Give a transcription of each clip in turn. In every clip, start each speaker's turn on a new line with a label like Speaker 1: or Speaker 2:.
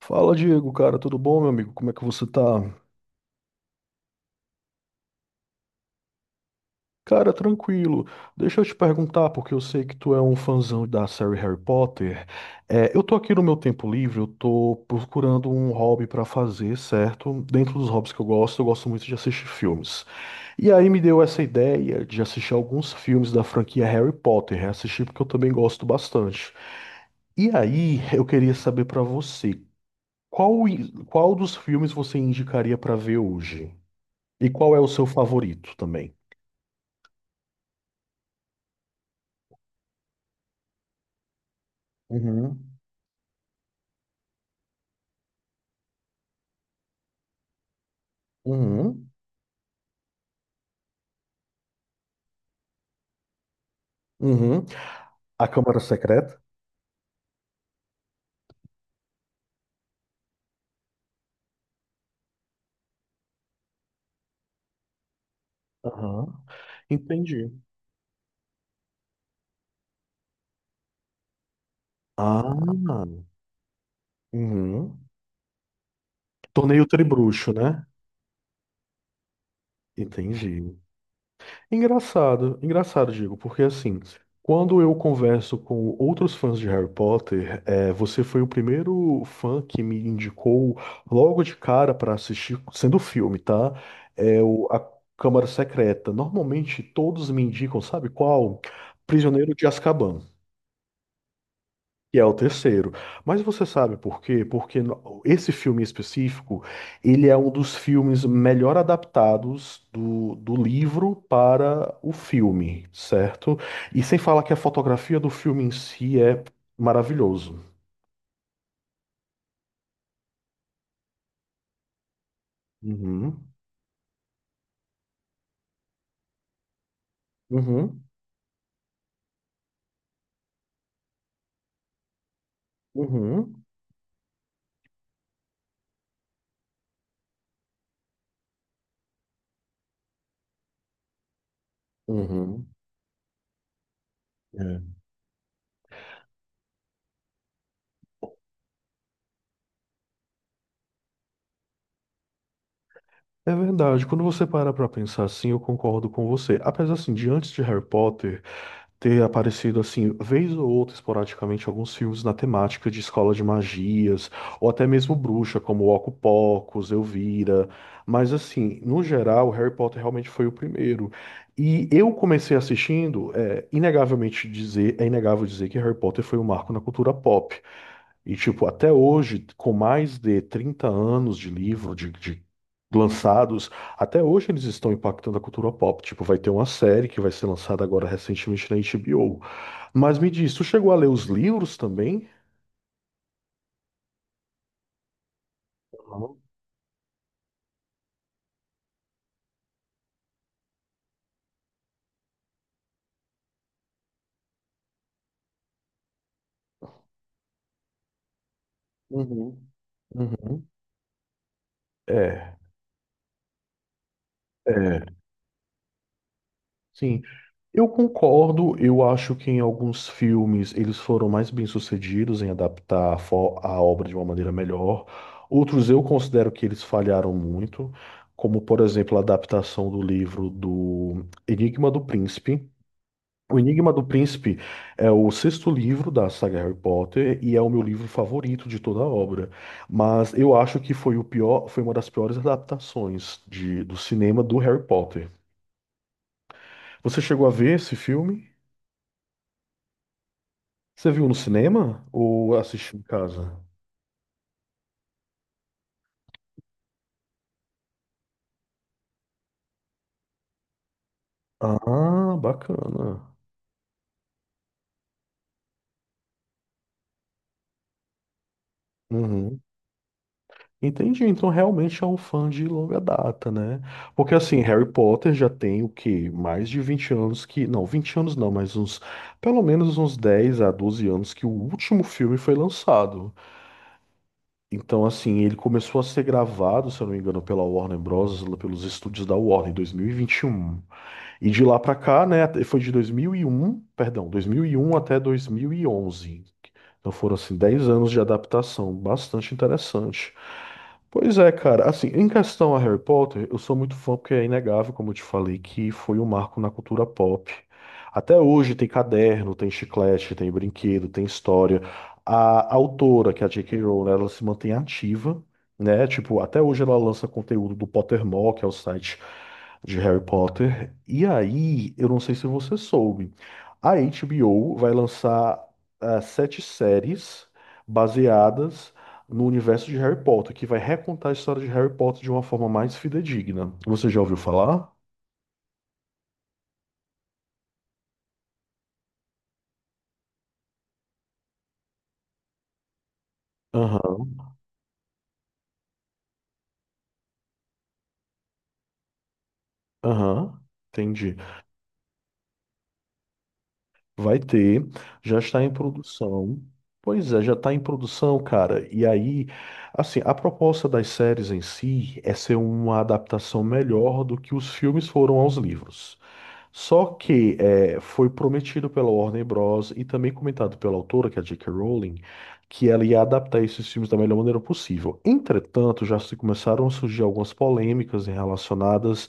Speaker 1: Fala, Diego, cara, tudo bom, meu amigo? Como é que você tá? Cara, tranquilo. Deixa eu te perguntar, porque eu sei que tu é um fãzão da série Harry Potter. É, eu tô aqui no meu tempo livre, eu tô procurando um hobby pra fazer, certo? Dentro dos hobbies que eu gosto muito de assistir filmes. E aí me deu essa ideia de assistir alguns filmes da franquia Harry Potter, reassistir porque eu também gosto bastante. E aí, eu queria saber pra você, qual, qual dos filmes você indicaria pra ver hoje? E qual é o seu favorito também? Uhum, uhum, uhum. A Câmara Secreta? Aham. Entendi. Ah, uhum. Torneio Tribruxo, né? Entendi. Engraçado, engraçado, digo, porque assim, quando eu converso com outros fãs de Harry Potter, é, você foi o primeiro fã que me indicou logo de cara para assistir, sendo filme, tá? É a Câmara Secreta. Normalmente todos me indicam, sabe qual? Prisioneiro de Azkaban. Que é o terceiro. Mas você sabe por quê? Porque esse filme em específico, ele é um dos filmes melhor adaptados do livro para o filme, certo? E sem falar que a fotografia do filme em si é maravilhoso. Uhum, uhum, uhum, uhum. É. É verdade, quando você para pra pensar assim, eu concordo com você. Apesar assim, de antes de Harry Potter, ter aparecido assim, vez ou outra, esporadicamente, alguns filmes na temática de escola de magias, ou até mesmo bruxa, como Oco Pocos, Elvira. Mas assim, no geral, Harry Potter realmente foi o primeiro. E eu comecei assistindo, é inegável dizer que Harry Potter foi um marco na cultura pop. E, tipo, até hoje, com mais de 30 anos de livro, de lançados, até hoje eles estão impactando a cultura pop. Tipo, vai ter uma série que vai ser lançada agora recentemente na HBO. Mas me diz, tu chegou a ler os livros também? Uhum. Uhum. Uhum. É, é. Sim, eu concordo. Eu acho que em alguns filmes eles foram mais bem-sucedidos em adaptar a obra de uma maneira melhor. Outros eu considero que eles falharam muito, como por exemplo a adaptação do livro do Enigma do Príncipe. O Enigma do Príncipe é o sexto livro da saga Harry Potter e é o meu livro favorito de toda a obra. Mas eu acho que foi o pior, foi uma das piores adaptações do cinema do Harry Potter. Você chegou a ver esse filme? Você viu no cinema ou assistiu em casa? Ah, bacana. Uhum. Entendi. Então realmente é um fã de longa data, né? Porque assim, Harry Potter já tem o quê? Mais de 20 anos que. Não, 20 anos não, mas uns. Pelo menos uns 10 a 12 anos que o último filme foi lançado. Então, assim, ele começou a ser gravado, se eu não me engano, pela Warner Bros., lá pelos estúdios da Warner, em 2021. E de lá pra cá, né? Foi de 2001, perdão, 2001 até 2011. Então foram assim 10 anos de adaptação, bastante interessante. Pois é, cara, assim, em questão a Harry Potter, eu sou muito fã porque é inegável, como eu te falei, que foi um marco na cultura pop. Até hoje tem caderno, tem chiclete, tem brinquedo, tem história. A autora, que é a J.K. Rowling, ela se mantém ativa, né? Tipo, até hoje ela lança conteúdo do Pottermore, que é o site de Harry Potter. E aí, eu não sei se você soube. A HBO vai lançar sete séries baseadas no universo de Harry Potter, que vai recontar a história de Harry Potter de uma forma mais fidedigna. Você já ouviu falar? Aham, aham. Entendi. Vai ter, já está em produção. Pois é, já está em produção, cara. E aí, assim, a proposta das séries em si é ser uma adaptação melhor do que os filmes foram aos livros. Só que é, foi prometido pela Warner Bros. E também comentado pela autora, que é a J.K. Rowling, que ela ia adaptar esses filmes da melhor maneira possível. Entretanto, já se começaram a surgir algumas polêmicas em relacionadas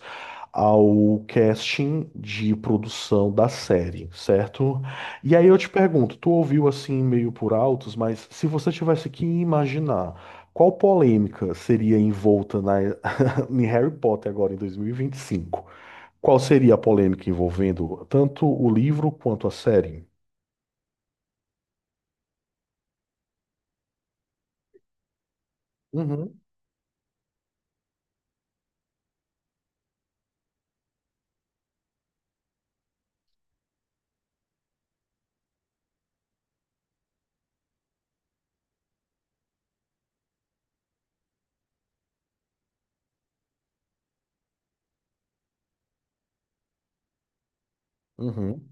Speaker 1: ao casting de produção da série, certo? E aí eu te pergunto, tu ouviu assim meio por altos, mas se você tivesse que imaginar qual polêmica seria envolta em Harry Potter agora em 2025? Qual seria a polêmica envolvendo tanto o livro quanto a série? Uhum, uhum,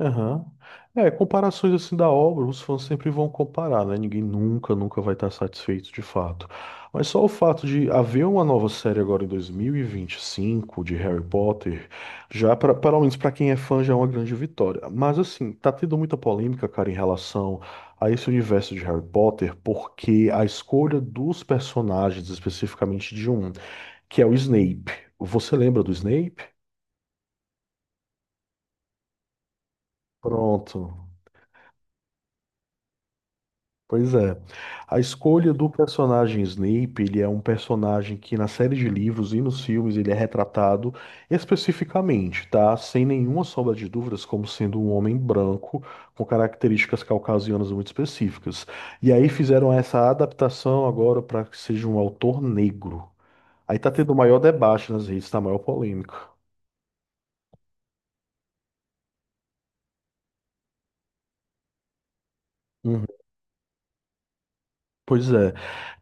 Speaker 1: aham. É, comparações assim da obra, os fãs sempre vão comparar, né? Ninguém nunca, nunca vai estar satisfeito de fato. Mas só o fato de haver uma nova série agora em 2025 de Harry Potter, já pra, pelo menos para quem é fã já é uma grande vitória. Mas assim, tá tendo muita polêmica, cara, em relação a esse universo de Harry Potter, porque a escolha dos personagens, especificamente de um que é o Snape. Você lembra do Snape? Pronto. Pois é. A escolha do personagem Snape, ele é um personagem que na série de livros e nos filmes ele é retratado especificamente, tá? Sem nenhuma sombra de dúvidas, como sendo um homem branco com características caucasianas muito específicas. E aí fizeram essa adaptação agora para que seja um autor negro. Aí tá tendo o maior debate nas redes, tá? A maior polêmica. Uhum. Pois é.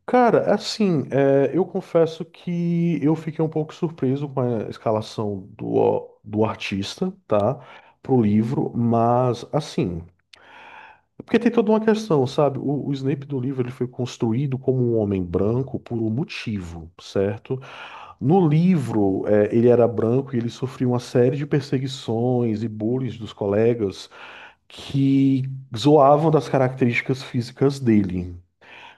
Speaker 1: Cara, assim, é, eu confesso que eu fiquei um pouco surpreso com a escalação do artista, tá? Pro livro, mas assim, é porque tem toda uma questão, sabe? O Snape do livro ele foi construído como um homem branco por um motivo, certo? No livro, é, ele era branco e ele sofria uma série de perseguições e bullying dos colegas que zoavam das características físicas dele.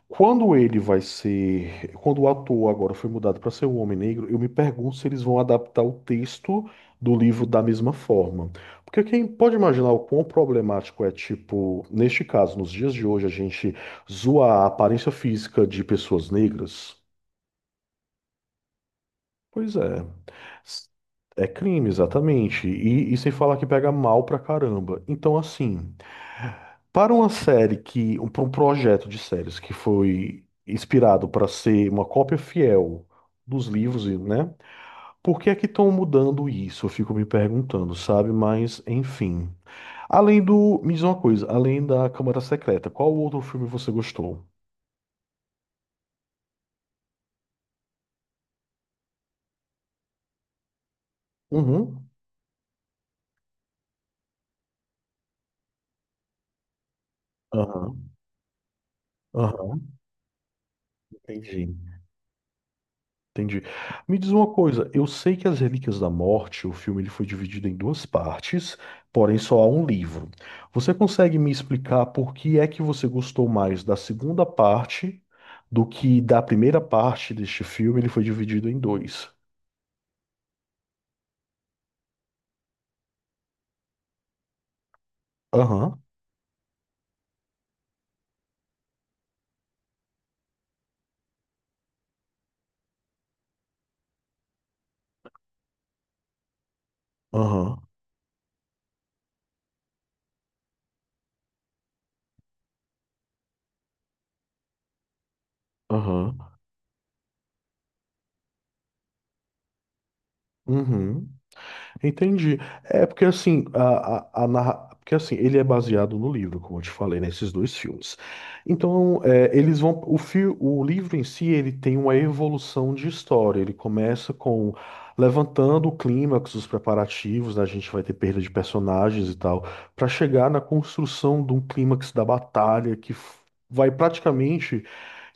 Speaker 1: Quando ele vai ser. Quando o ator agora foi mudado para ser o Homem Negro, eu me pergunto se eles vão adaptar o texto do livro da mesma forma. Porque quem pode imaginar o quão problemático é, tipo, neste caso, nos dias de hoje, a gente zoar a aparência física de pessoas negras? Pois é. S- É crime, exatamente. E sem falar que pega mal pra caramba. Então, assim. Para uma série para um projeto de séries que foi inspirado para ser uma cópia fiel dos livros, e, né? Por que é que estão mudando isso? Eu fico me perguntando, sabe? Mas, enfim. Me diz uma coisa, além da Câmara Secreta, qual outro filme você gostou? Uhum. Aham. Aham. Entendi. Entendi. Me diz uma coisa, eu sei que As Relíquias da Morte, o filme ele foi dividido em duas partes, porém só há um livro. Você consegue me explicar por que é que você gostou mais da segunda parte do que da primeira parte deste filme? Ele foi dividido em dois. Aham, aham, aham, uhum. Entendi. É porque assim, porque assim, ele é baseado no livro, como eu te falei, nesses dois filmes. Então, é, eles vão. O livro em si, ele tem uma evolução de história. Ele começa com levantando o clímax, os preparativos, né? A gente vai ter perda de personagens e tal, para chegar na construção de um clímax da batalha que vai praticamente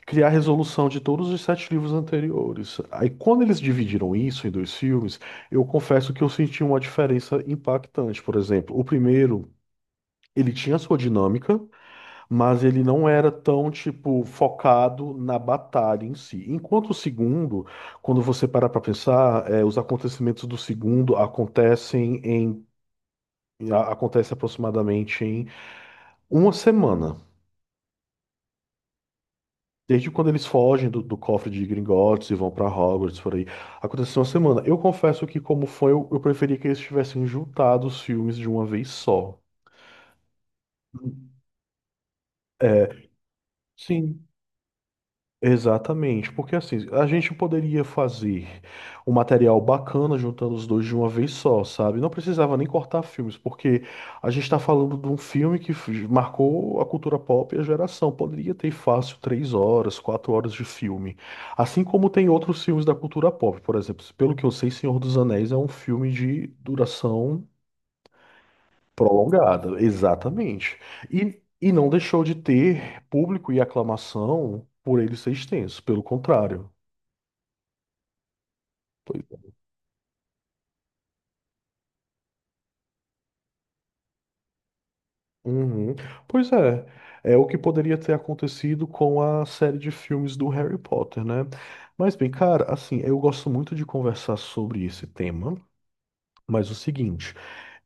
Speaker 1: criar a resolução de todos os sete livros anteriores. Aí, quando eles dividiram isso em dois filmes, eu confesso que eu senti uma diferença impactante. Por exemplo, o primeiro. Ele tinha sua dinâmica, mas ele não era tão, tipo, focado na batalha em si. Enquanto o segundo, quando você para para pensar, os acontecimentos do segundo acontecem em, acontece aproximadamente em uma semana. Desde quando eles fogem do cofre de Gringotts e vão pra Hogwarts, por aí. Aconteceu uma semana. Eu confesso que, como foi, eu preferia que eles tivessem juntado os filmes de uma vez só. Sim. Exatamente, porque assim, a gente poderia fazer um material bacana juntando os dois de uma vez só, sabe? Não precisava nem cortar filmes, porque a gente está falando de um filme que marcou a cultura pop e a geração. Poderia ter fácil 3 horas, 4 horas de filme. Assim como tem outros filmes da cultura pop, por exemplo, pelo que eu sei, Senhor dos Anéis é um filme de duração. Prolongada, exatamente. E não deixou de ter público e aclamação por ele ser extenso, pelo contrário. Pois é. Uhum. Pois é, é o que poderia ter acontecido com a série de filmes do Harry Potter, né? Mas bem, cara, assim, eu gosto muito de conversar sobre esse tema, mas o seguinte.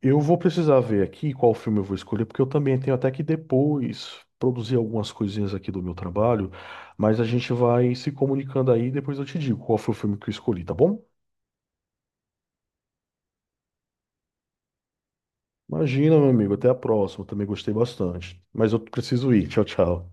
Speaker 1: Eu vou precisar ver aqui qual filme eu vou escolher, porque eu também tenho até que depois produzir algumas coisinhas aqui do meu trabalho, mas a gente vai se comunicando aí e depois eu te digo qual foi o filme que eu escolhi, tá bom? Imagina, meu amigo, até a próxima, eu também gostei bastante. Mas eu preciso ir, tchau, tchau.